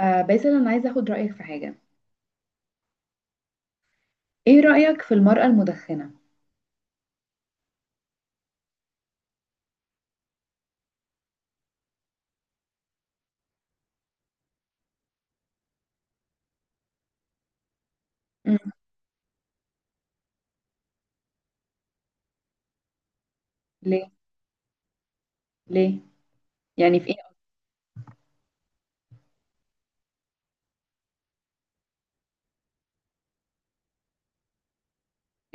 آه باسل، انا عايزه اخد رايك في حاجه. ايه رايك في المراه المدخنه؟ مم. ليه ليه؟ يعني في ايه؟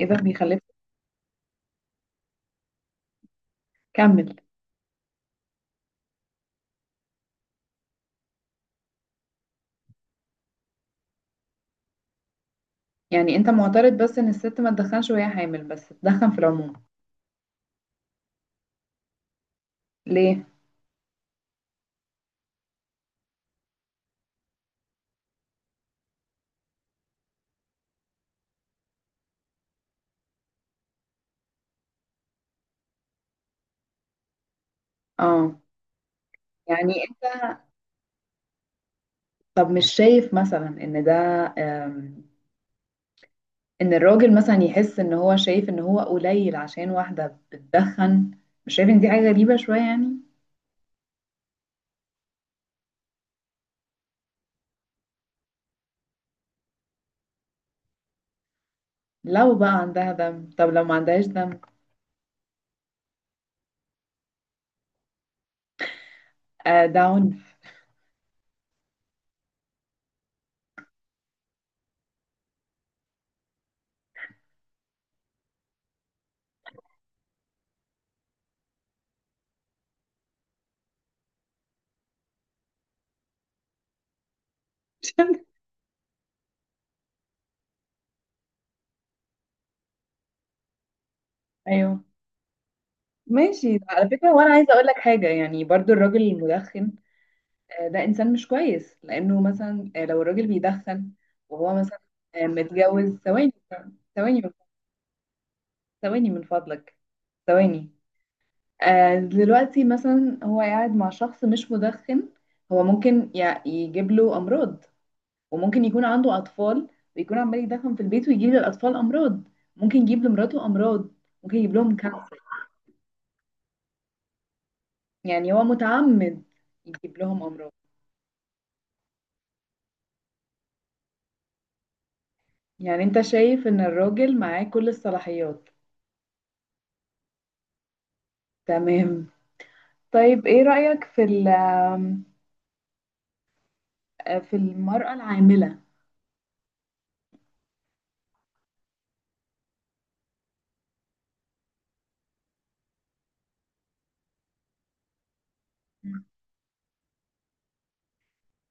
ايه ده بيخليك؟ كمل. يعني انت معترض بس ان الست ما تدخنش وهي حامل، بس تدخن في العموم؟ ليه؟ اه، يعني انت، طب مش شايف مثلا ان ده، آم، ان الراجل مثلا يحس ان هو شايف ان هو قليل عشان واحده بتدخن؟ مش شايف ان دي حاجه غريبه شويه يعني؟ لو بقى عندها دم، طب لو ما عندهاش دم؟ آه، ده عنف. ايوه، ماشي. على فكرة وانا عايزة اقول لك حاجة، يعني برضو الراجل المدخن، ده انسان مش كويس لانه مثلا، لو الراجل بيدخن وهو مثلا، متجوز. ثواني، ثواني ثواني من فضلك، ثواني، دلوقتي مثلا هو قاعد مع شخص مش مدخن، هو ممكن يجيب له امراض. وممكن يكون عنده اطفال ويكون عمال يدخن في البيت ويجيب للاطفال امراض، ممكن يجيب لمراته امراض، ممكن يجيب لهم كانسر. يعني هو متعمد يجيب لهم امراض؟ يعني انت شايف ان الراجل معاه كل الصلاحيات. تمام. طيب ايه رأيك في في المرأة العاملة؟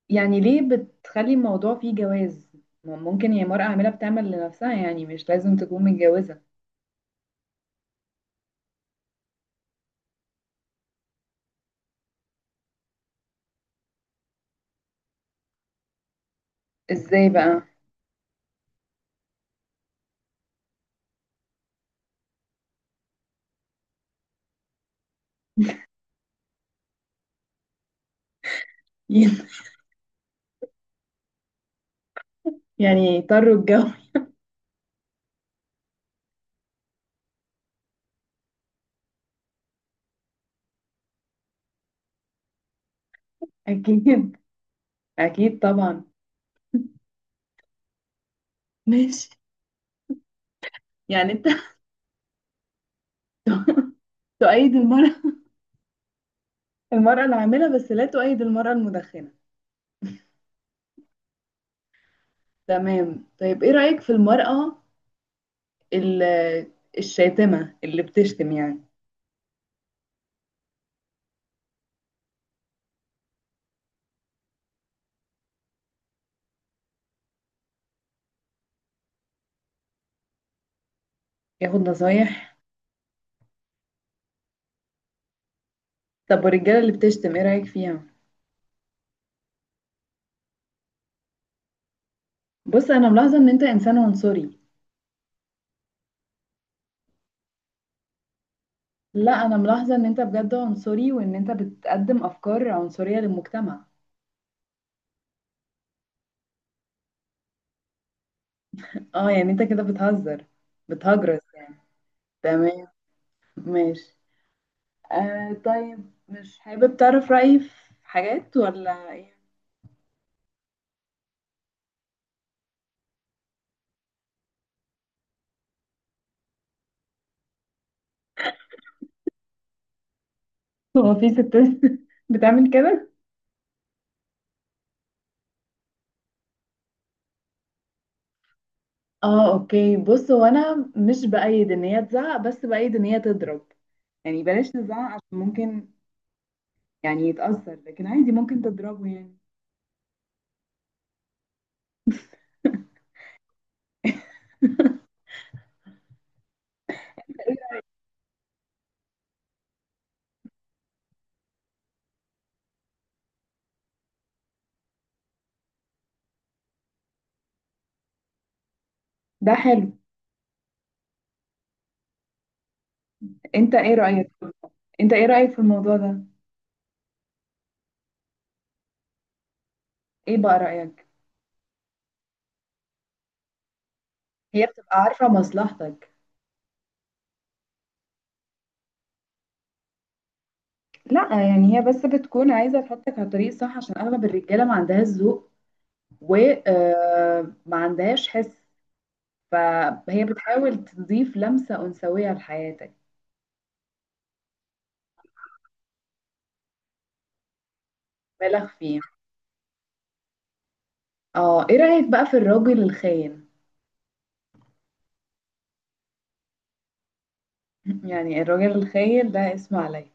يعني ليه بتخلي الموضوع فيه جواز؟ ما ممكن هي مرأة عاملة بتعمل لنفسها، يعني مش لازم تكون متجوزة. ازاي بقى؟ يعني يضطروا الجو. اكيد، اكيد طبعا. ماشي. يعني انت تؤيد المرأة، المرأة العاملة بس لا تؤيد المرأة المدخنة. تمام. طيب ايه رأيك في المرأة ال- الشاتمة، اللي بتشتم يعني؟ ياخد نصايح. طب والرجالة اللي بتشتم ايه رأيك فيها؟ بص، انا ملاحظة ان انت انسان عنصري. لا، انا ملاحظة ان انت بجد عنصري، وان انت بتقدم افكار عنصرية للمجتمع. اه، يعني انت كده بتهزر، بتهجرس يعني. تمام. ماشي. طيب مش حابب تعرف رأيي في حاجات ولا ايه؟ هو في ستات بتعمل كده؟ اه، اوكي. بص، هو انا مش بأيد ان هي تزعق، بس بأيد ان هي تضرب. يعني بلاش نزعق عشان ممكن يعني يتأثر، لكن عادي ممكن تضربه يعني. ده حلو. انت ايه رأيك؟ انت ايه رأيك في الموضوع ده؟ ايه بقى رأيك؟ هي بتبقى عارفة مصلحتك. لا، يعني هي بس بتكون عايزة تحطك على الطريق الصح، عشان اغلب الرجالة ما عندهاش ذوق، وما عندهاش حس. فهي بتحاول تضيف لمسة أنثوية لحياتك. مبالغ فيه. اه، ايه رأيك بقى في الراجل الخاين؟ يعني الراجل الخاين ده اسم عليا.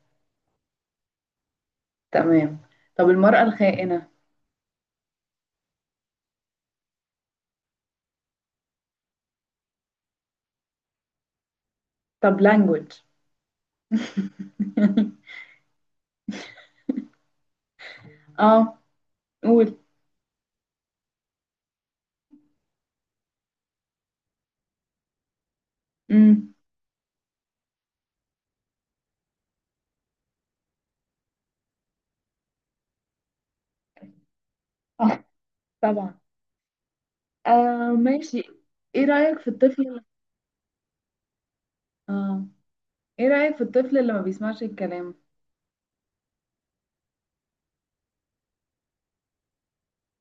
تمام. طب المرأة الخائنة؟ طب language. اه، قول. امم. اه، طبعا. ماشي. ايه رأيك في الطفل اه، ايه رأيك في الطفل اللي ما بيسمعش الكلام؟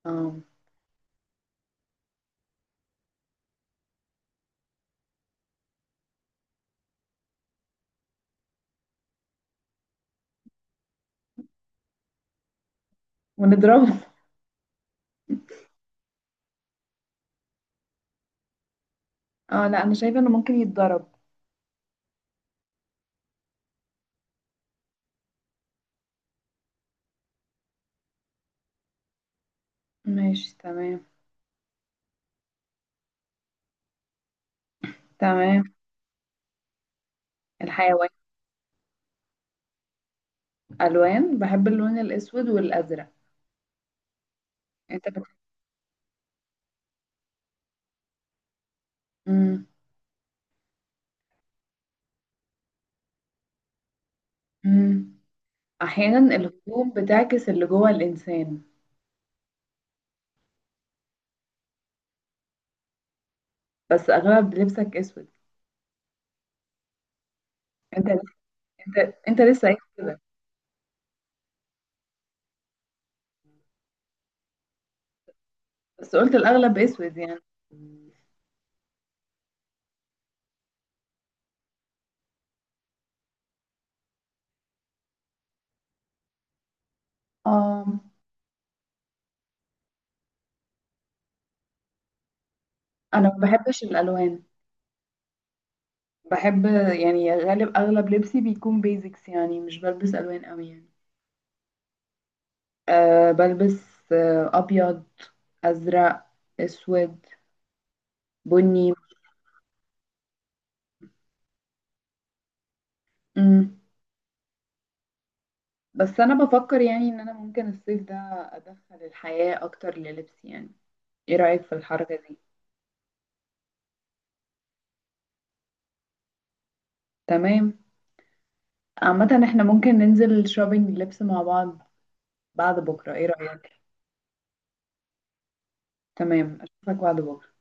اه. ونضربه اه، لا، انا شايفة انه ممكن يتضرب. ماشي، تمام. تمام. الحيوان؟ الوان. بحب اللون الاسود والازرق. انت. مم. مم. احيانا الهدوم بتعكس اللي جوه الانسان. بس اغلب لبسك اسود. انت انت انت لسه قايل كده. بس قلت الأغلب أسود يعني. آه أنا ما بحبش الألوان. بحب، يعني غالب أغلب لبسي بيكون بيزكس، يعني مش بلبس ألوان أوي يعني. أه بلبس، أبيض، أزرق، أسود، بني. مم. بس أنا بفكر يعني إن أنا ممكن الصيف ده أدخل الحياة أكتر للبسي يعني. إيه رأيك في الحركة دي؟ تمام. عامة إحنا ممكن ننزل شوبينج لبس مع بعض بعد بكرة، إيه رأيك؟ تمام، أشوفك بعد بكرة.